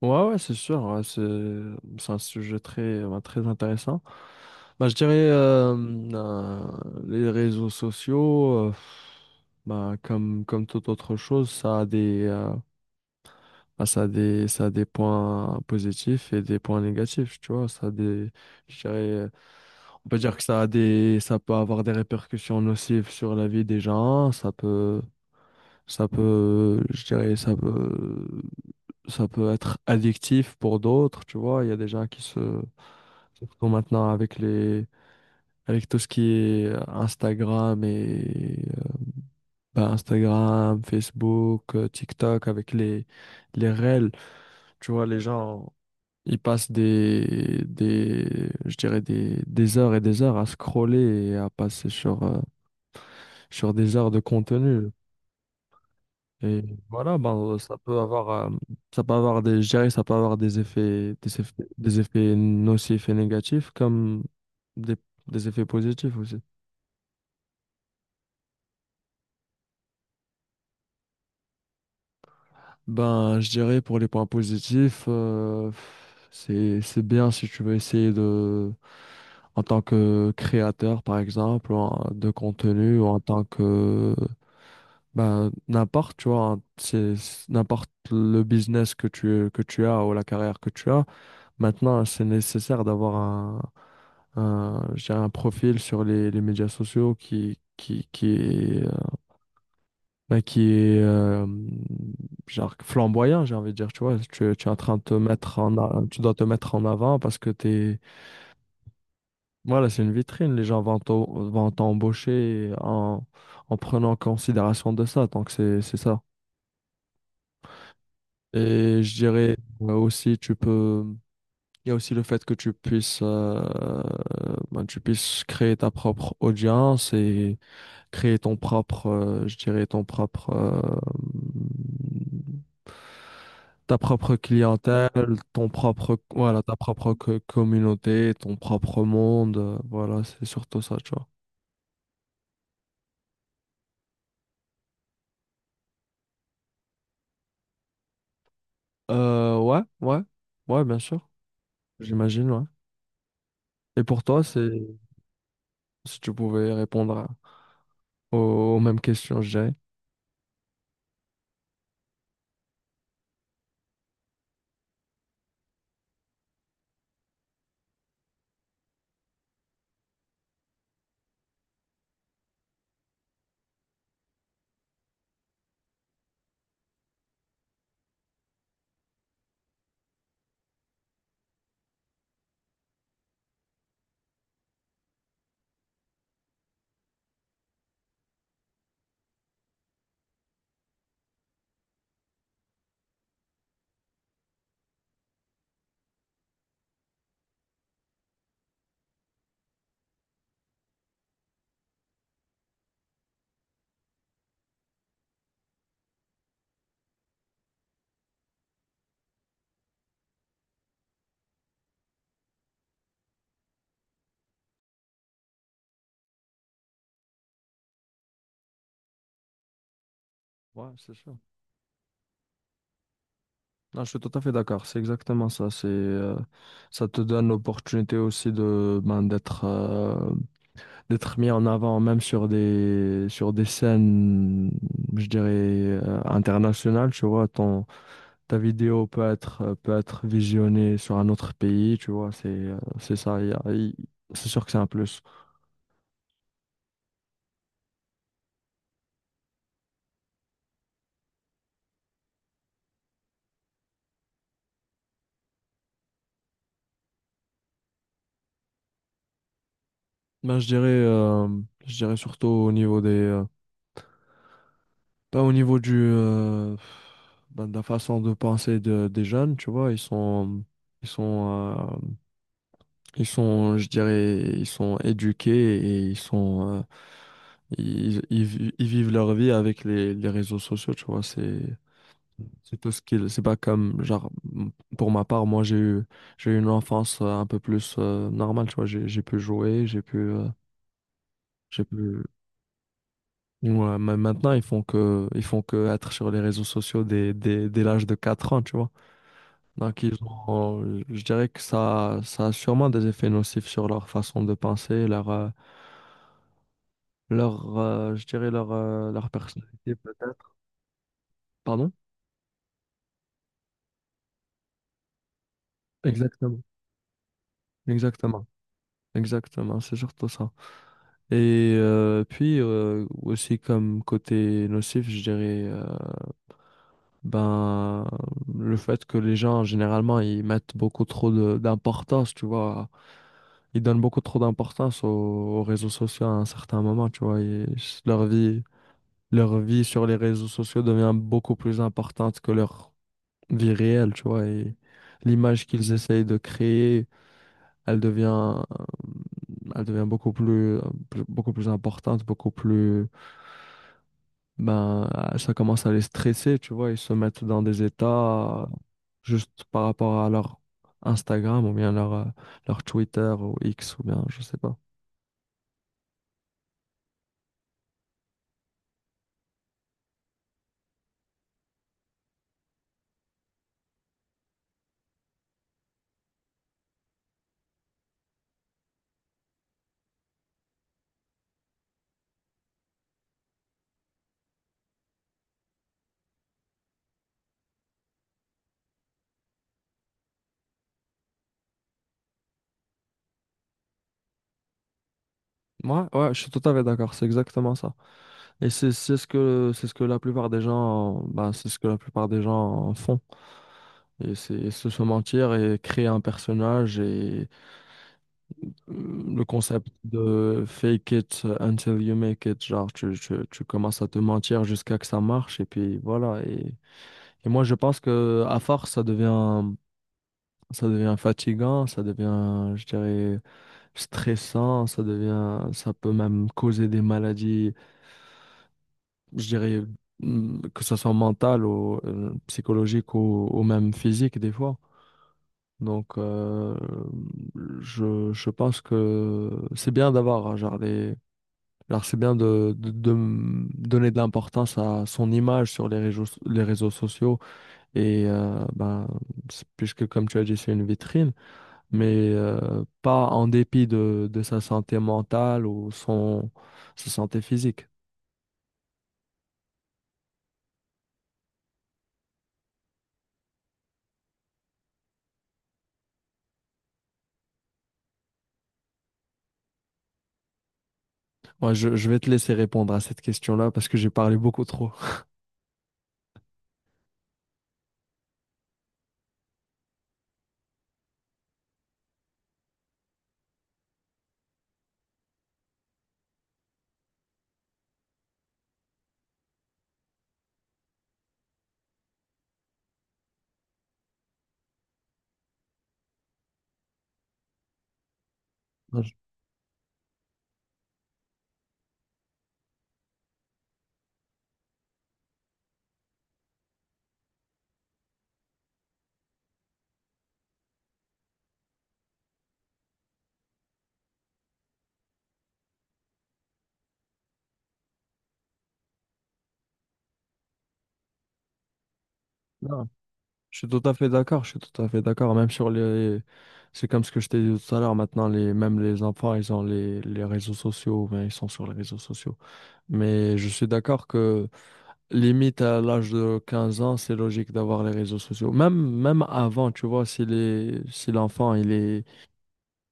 Ouais, ouais, c'est sûr. Ouais, c'est un sujet très, bah, très intéressant. Bah, je dirais euh, les réseaux sociaux, bah, comme toute autre chose, ça a des points positifs et des points négatifs, tu vois. Ça a des, je dirais, On peut dire que ça peut avoir des répercussions nocives sur la vie des gens. Ça peut, je dirais, ça peut Ça peut être addictif pour d'autres, tu vois. Il y a des gens qui se, surtout maintenant avec avec tout ce qui est Instagram et, ben, Instagram, Facebook, TikTok, avec les reels, tu vois, les gens, ils passent des heures et des heures à scroller et à passer sur, sur des heures de contenu. Et voilà, ben, ça peut avoir des, je dirais, ça peut avoir des effets nocifs et négatifs comme des, des effets positifs aussi. Ben, je dirais pour les points positifs, c'est bien si tu veux essayer de, en tant que créateur, par exemple, ou de contenu, ou en tant que, ben, n'importe, tu vois, n'importe le business que que tu as ou la carrière que tu as. Maintenant, c'est nécessaire d'avoir je dirais un profil sur les médias sociaux qui est, qui est genre flamboyant, j'ai envie de dire, tu vois, tu es en train de te mettre en, tu dois te mettre en avant parce que t'es, voilà, c'est une vitrine, les gens vont t'embaucher en en prenant en considération de ça, donc c'est ça. Et je dirais aussi, tu peux. Il y a aussi le fait que tu puisses, ben, tu puisses créer ta propre audience et créer ton propre, ta propre clientèle, ton propre, voilà, ta propre communauté, ton propre monde. Voilà, c'est surtout ça, tu vois. Ouais, ouais, ouais, bien sûr, j'imagine, ouais. Et pour toi, c'est si tu pouvais répondre à- aux mêmes questions, je dirais. Ouais, c'est sûr. Non, je suis tout à fait d'accord, c'est exactement ça. C'est, ça te donne l'opportunité aussi de, ben, d'être mis en avant, même sur sur des scènes, je dirais, internationales, tu vois. Ton, ta vidéo peut être visionnée sur un autre pays, tu vois. C'est ça, il y a- il- c'est sûr que c'est un plus. Ben, je dirais, surtout au niveau des, au niveau du, bah, de la façon de penser des jeunes, tu vois, ils sont, euh, ils sont, je dirais, ils sont éduqués et ils sont, ils vivent leur vie avec les réseaux sociaux, tu vois, c'est tout ce qu'ils, c'est pas comme, genre, m- pour ma part, moi, j'ai eu une enfance un peu plus normale, tu vois, j'ai pu jouer, j'ai pu, j'ai pu, Ouais, mais maintenant, ils font que être sur les réseaux sociaux dès l'âge de 4 ans, tu vois. Donc, ils ont, je dirais que ça a sûrement des effets nocifs sur leur façon de penser, leur, leur, je dirais leur, leur personnalité, peut-être. Pardon? Exactement. Exactement. Exactement, c'est surtout ça. Et aussi comme côté nocif, je dirais, ben, le fait que les gens, généralement, ils mettent beaucoup trop d'importance, tu vois, ils donnent beaucoup trop d'importance aux, aux réseaux sociaux à un certain moment, tu vois. Et leur vie sur les réseaux sociaux devient beaucoup plus importante que leur vie réelle, tu vois. Et l'image qu'ils essayent de créer, elle devient, euh, elle devient beaucoup plus, beaucoup plus importante, beaucoup plus, ben, ça commence à les stresser, tu vois. Ils se mettent dans des états juste par rapport à leur Instagram ou bien leur, leur Twitter ou X ou bien, je sais pas. Moi ouais, je suis tout à fait d'accord, c'est exactement ça. Et c'est ce que la plupart des gens bah, c'est ce que la plupart des gens font. Et c'est se mentir et créer un personnage et le concept de fake it until you make it, genre tu commences à te mentir jusqu'à que ça marche et puis voilà. Et moi je pense que à force ça devient fatigant, ça devient je dirais stressant, ça peut même causer des maladies je dirais, mm, que ce soit mental ou psychologique ou même physique des fois. Donc, je pense que c'est bien d'avoir, hein, genre, c'est bien de, donner de l'importance à son image sur les réseaux sociaux. Et, ben, c'est- puisque, comme tu as dit, c'est une vitrine, mais pas en dépit de sa santé mentale ou son, sa santé physique. Ouais, je vais te laisser répondre à cette question-là parce que j'ai parlé beaucoup trop. Non, je non, je suis tout à fait d'accord, je suis tout à fait d'accord. Même sur les... C'est comme ce que je t'ai dit tout à l'heure, maintenant, les... même les enfants, ils ont les réseaux sociaux, ben ils sont sur les réseaux sociaux. Mais je suis d'accord que limite à l'âge de 15 ans, c'est logique d'avoir les réseaux sociaux. Même avant, tu vois, si les... si l'enfant,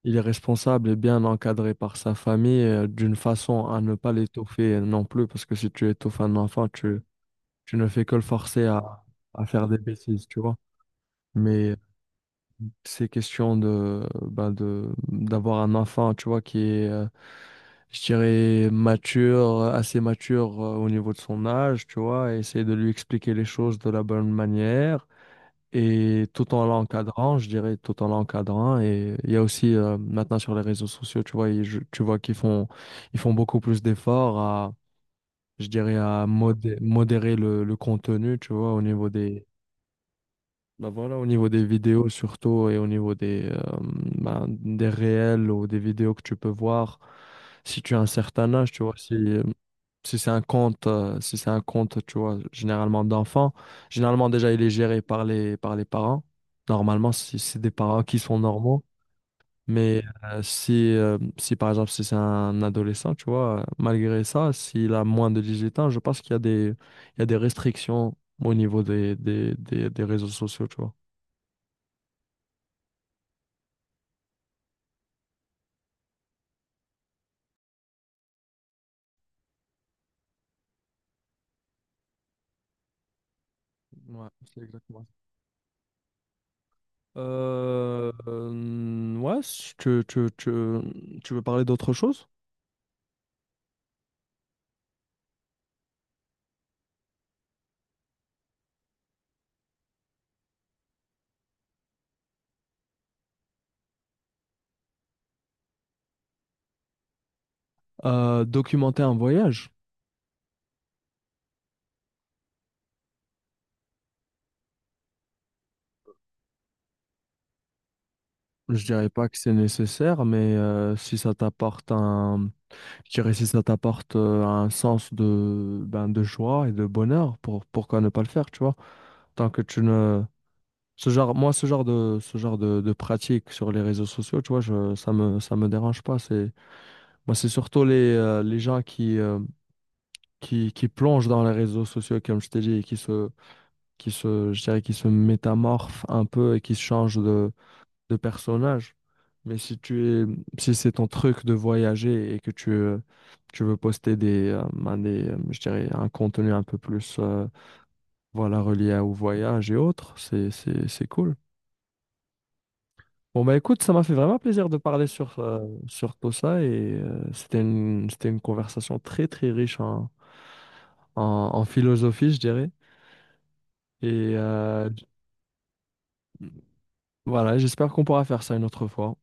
il est responsable et bien encadré par sa famille, d'une façon à ne pas l'étouffer non plus, parce que si tu étouffes un enfant, tu tu ne fais que le forcer à faire des bêtises, tu vois. Mais c'est question de, d'avoir un enfant, tu vois, qui est, je dirais, assez mature au niveau de son âge, tu vois, et essayer de lui expliquer les choses de la bonne manière. Et tout en l'encadrant, je dirais, tout en l'encadrant. Et il y a aussi maintenant sur les réseaux sociaux, tu vois, tu vois qu'ils font, ils font beaucoup plus d'efforts à, je dirais, à modérer le contenu, tu vois, au niveau des, bah voilà, au niveau des vidéos surtout et au niveau des, bah, des réels ou des vidéos que tu peux voir, si tu as un certain âge, tu vois, si, si c'est un compte, tu vois, généralement d'enfants, généralement déjà il est géré par par les parents, normalement si c'est des parents qui sont normaux, mais si, si par exemple si c'est un adolescent, tu vois, malgré ça, s'il a moins de 18 ans, je pense qu'il y a il y a des restrictions au niveau des réseaux sociaux, tu vois. Ouais, c'est exactement ça. Ouais, si tu veux parler d'autre chose? Documenter un voyage. Je dirais pas que c'est nécessaire, mais si ça t'apporte un, je dirais si ça t'apporte un sens de, ben, de joie et de bonheur, pourquoi ne pas le faire, tu vois? Tant que tu ne, ce genre, moi, de pratique sur les réseaux sociaux, tu vois, je, ça me dérange pas. C'est, moi, c'est surtout les gens qui, qui plonge dans les réseaux sociaux, comme je t'ai dit, et qui se, qui se métamorphe un peu et qui se change de personnage. Mais si tu es, si c'est ton truc de voyager et que tu, tu veux poster des, un contenu un peu plus, voilà, relié à- au voyage et autres, c'est cool. Bon, bah écoute, ça m'a fait vraiment plaisir de parler sur, sur tout ça et c'était une conversation très, très riche en, en, en philosophie, je dirais. Et voilà, j'espère qu'on pourra faire ça une autre fois.